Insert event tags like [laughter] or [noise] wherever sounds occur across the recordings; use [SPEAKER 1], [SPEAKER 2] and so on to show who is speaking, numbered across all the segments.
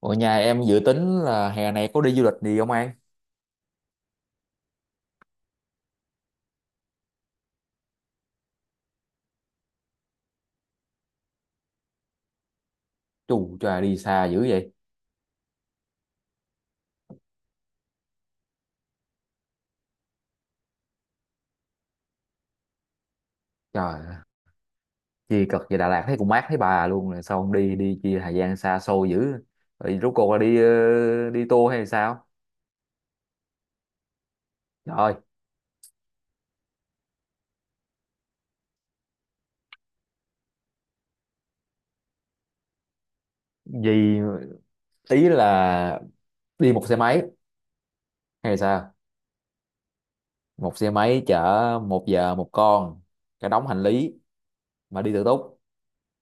[SPEAKER 1] Ở nhà em dự tính là hè này có đi du lịch gì không An? Chù trời đi xa dữ vậy. Trời ơi, chi cực về Đà Lạt thấy cũng mát thấy bà luôn rồi sao không đi đi chi thời gian xa xôi dữ. Rồi rốt cuộc là đi tour hay sao? Trời ơi, gì tí là đi một xe máy hay sao? Một xe máy chở một giờ một con cả đống hành lý mà đi tự túc.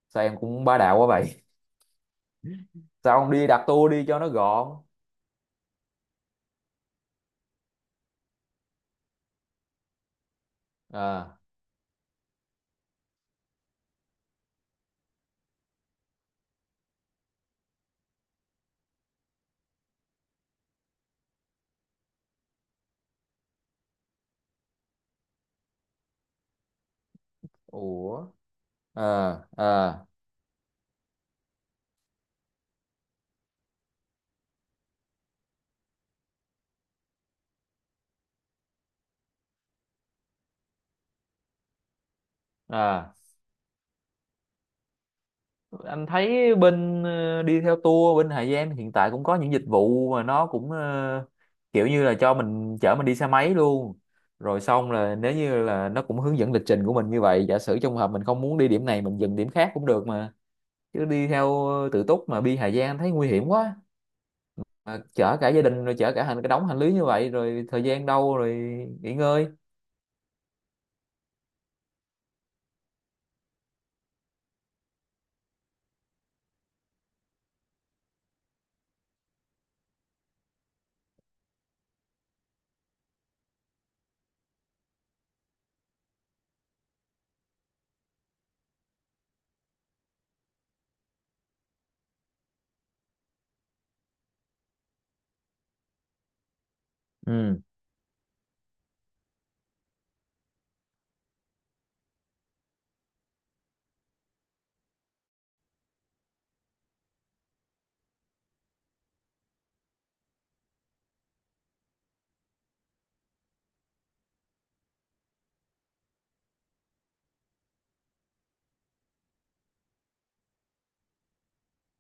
[SPEAKER 1] Sao em cũng bá đạo quá vậy? Sao không đi đặt tour đi cho nó gọn? À, ủa. À, à, à. Anh thấy bên đi theo tour bên Hà Giang hiện tại cũng có những dịch vụ mà nó cũng kiểu như là cho mình chở mình đi xe máy luôn, rồi xong là nếu như là nó cũng hướng dẫn lịch trình của mình như vậy, giả sử trong hợp mình không muốn đi điểm này mình dừng điểm khác cũng được mà. Chứ đi theo tự túc mà đi Hà Giang anh thấy nguy hiểm quá, mà chở cả gia đình rồi chở cả cái đống hành lý như vậy rồi thời gian đâu rồi nghỉ ngơi. Ừ,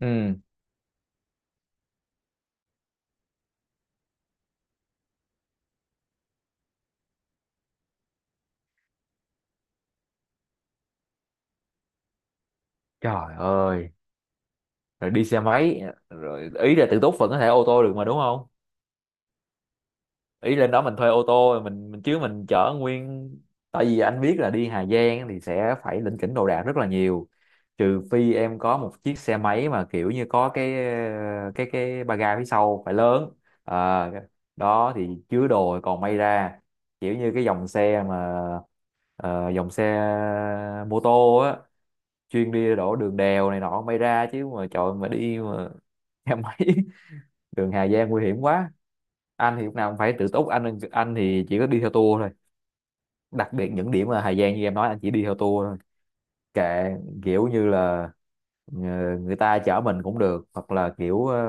[SPEAKER 1] ừ. Trời ơi, rồi đi xe máy, rồi ý là tự túc vẫn có thể ô tô được mà đúng không? Ý lên đó mình thuê ô tô mình chứ mình chở nguyên, tại vì anh biết là đi Hà Giang thì sẽ phải lỉnh kỉnh đồ đạc rất là nhiều, trừ phi em có một chiếc xe máy mà kiểu như có cái ba ga phía sau phải lớn. à, Đó thì chứa đồ thì còn may ra, kiểu như cái dòng xe mô tô á, chuyên đi đổ đường đèo này nọ may ra. Chứ mà trời mà đi mà [laughs] xe máy, đường Hà Giang nguy hiểm quá. Anh thì lúc nào cũng phải tự túc, anh thì chỉ có đi theo tour thôi. Đặc biệt những điểm ở Hà Giang như em nói anh chỉ đi theo tour thôi, kệ, kiểu như là ờ, người ta chở mình cũng được hoặc là kiểu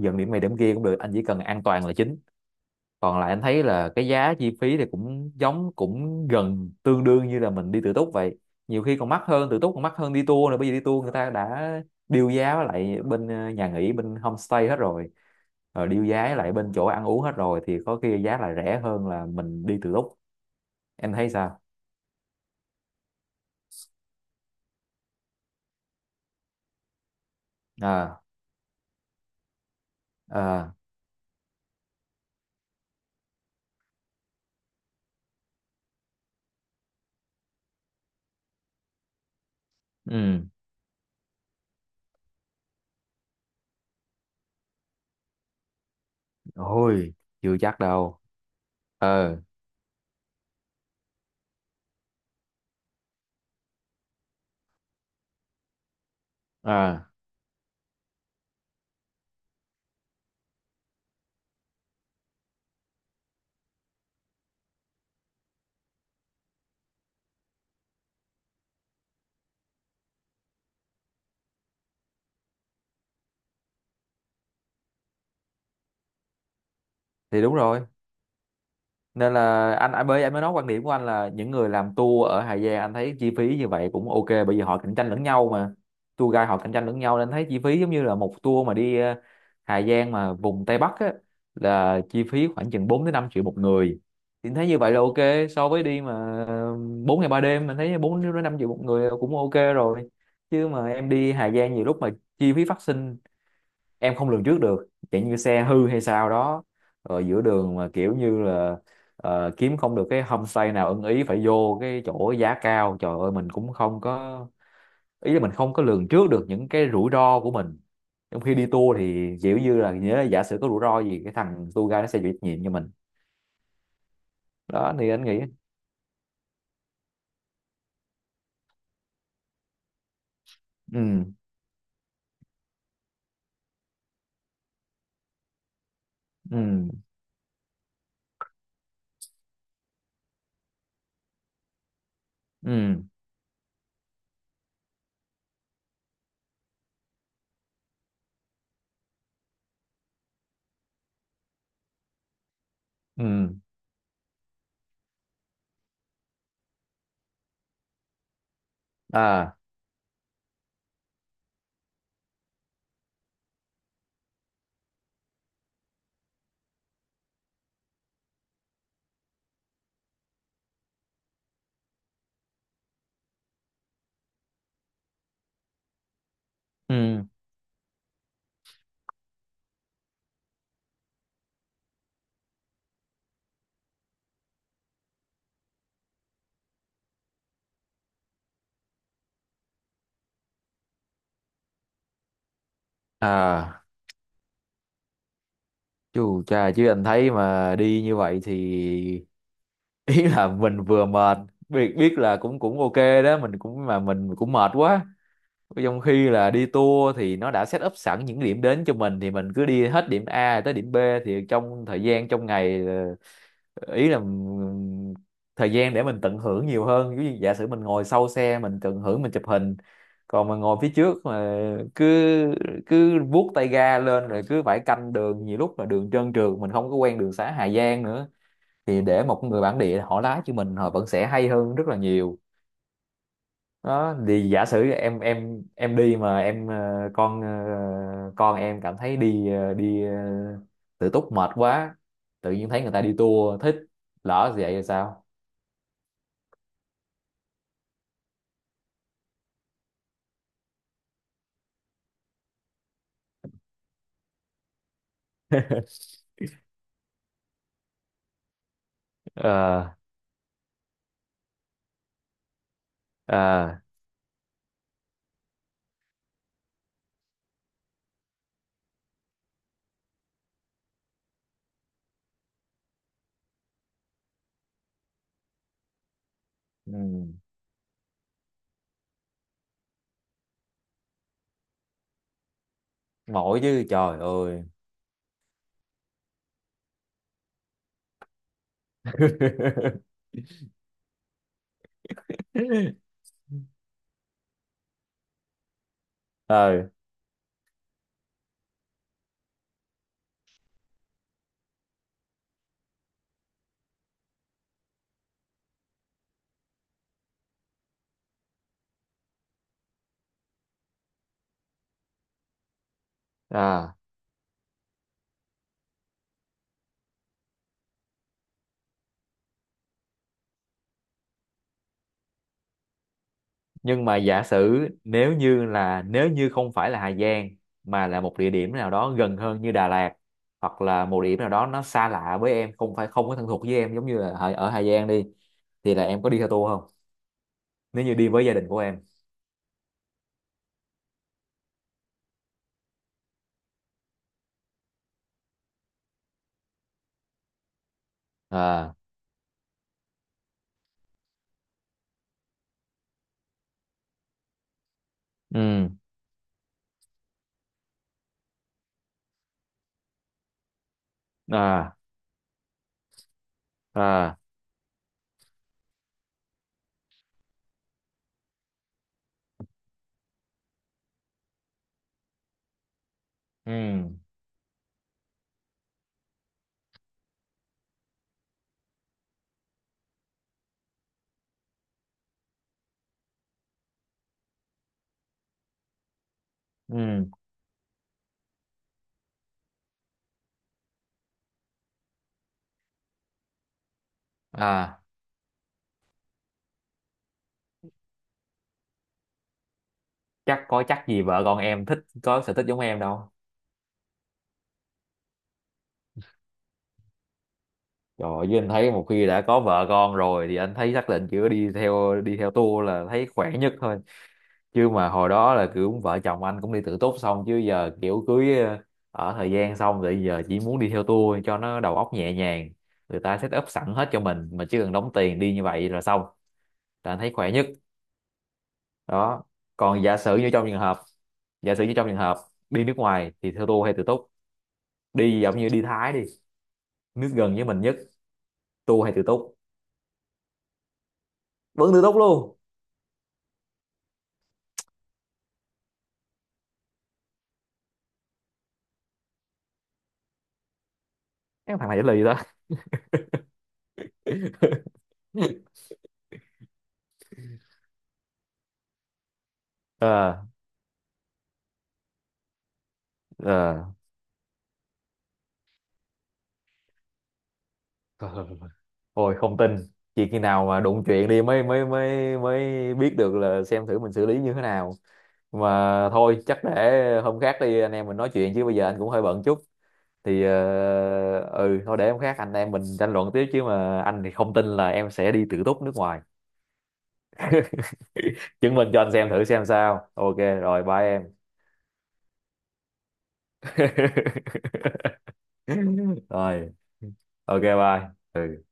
[SPEAKER 1] dừng điểm này điểm kia cũng được, anh chỉ cần an toàn là chính. Còn lại anh thấy là cái giá chi phí thì cũng giống cũng gần tương đương như là mình đi tự túc vậy, nhiều khi còn mắc hơn tự túc, còn mắc hơn đi tour nữa, bởi vì đi tour người ta đã deal giá với lại bên nhà nghỉ bên homestay hết rồi, rồi deal giá với lại bên chỗ ăn uống hết rồi thì có khi giá lại rẻ hơn là mình đi tự túc. Em thấy sao? À, à. Ừ. Ôi, chưa chắc đâu. Ờ. À, thì đúng rồi, nên là anh mới nói, quan điểm của anh là những người làm tour ở Hà Giang anh thấy chi phí như vậy cũng ok, bởi vì họ cạnh tranh lẫn nhau mà. Tour guide họ cạnh tranh lẫn nhau nên thấy chi phí giống như là một tour mà đi Hà Giang mà vùng Tây Bắc á, là chi phí khoảng chừng 4 đến 5 triệu một người, thì anh thấy như vậy là ok. So với đi mà 4 ngày 3 đêm, mình thấy 4 đến 5 triệu một người là cũng ok rồi. Chứ mà em đi Hà Giang nhiều lúc mà chi phí phát sinh em không lường trước được, chẳng như xe hư hay sao đó, rồi giữa đường mà kiểu như là kiếm không được cái homestay nào ưng ý phải vô cái chỗ giá cao, trời ơi, mình cũng không có, ý là mình không có lường trước được những cái rủi ro của mình. Trong khi đi tour thì kiểu như là nhớ là giả sử có rủi ro gì cái thằng tour guide nó sẽ chịu trách nhiệm cho mình, đó thì anh nghĩ. Ừ, ừ, ừ, ừ. À. Ừ. À. Chú cha, chứ anh thấy mà đi như vậy thì [laughs] ý là mình vừa mệt, biết biết là cũng cũng ok đó, mình cũng mà mình cũng mệt quá. Trong khi là đi tour thì nó đã set up sẵn những điểm đến cho mình thì mình cứ đi hết điểm A tới điểm B, thì trong thời gian trong ngày ý là thời gian để mình tận hưởng nhiều hơn, ví dụ giả sử mình ngồi sau xe mình tận hưởng mình chụp hình, còn mà ngồi phía trước mà cứ cứ vuốt tay ga lên rồi cứ phải canh đường, nhiều lúc là đường trơn trượt mình không có quen đường xá Hà Giang nữa, thì để một người bản địa họ lái cho mình họ vẫn sẽ hay hơn rất là nhiều. Đó thì giả sử em đi mà em con em cảm thấy đi tự túc mệt quá, tự nhiên thấy người ta đi tour thích, lỡ vậy thì sao? [laughs] Ờ, ờ. Ừ. Mỏi chứ, trời ơi. [laughs] Ờ. À, nhưng mà giả sử nếu như không phải là Hà Giang mà là một địa điểm nào đó gần hơn như Đà Lạt, hoặc là một địa điểm nào đó nó xa lạ với em, không phải, không có thân thuộc với em giống như là ở ở Hà Giang đi, thì là em có đi theo tour không nếu như đi với gia đình của em? À. Ừ. À, à. Ừ, ừ. À. Chắc có chắc gì vợ con em thích có sở thích giống em đâu. Trời ơi, với anh thấy một khi đã có vợ con rồi thì anh thấy xác định chỉ đi theo tour là thấy khỏe nhất thôi. Chứ mà hồi đó là kiểu vợ chồng anh cũng đi tự túc xong, chứ giờ kiểu cưới ở thời gian xong rồi giờ chỉ muốn đi theo tour cho nó đầu óc nhẹ nhàng, người ta set up sẵn hết cho mình mà chỉ cần đóng tiền đi như vậy là xong, là anh thấy khỏe nhất đó. Còn giả sử như trong trường hợp, giả sử như trong trường hợp đi nước ngoài thì theo tour hay tự túc? Đi giống như đi Thái đi, nước gần với mình nhất, tour hay tự túc? Vẫn tự túc luôn? Cái thằng này trả lời gì ta. [laughs] Ờ. Ờ. Ôi, không tin, chỉ khi nào mà đụng chuyện đi mới mới mới mới biết được là xem thử mình xử lý như thế nào. Mà thôi chắc để hôm khác đi anh em mình nói chuyện chứ bây giờ anh cũng hơi bận chút, thì ừ thôi để hôm khác anh em mình tranh luận tiếp, chứ mà anh thì không tin là em sẽ đi tự túc nước ngoài. [laughs] Chứng minh cho anh xem thử xem sao. Ok, rồi bye em. [laughs] Rồi ok, bye. Ừ.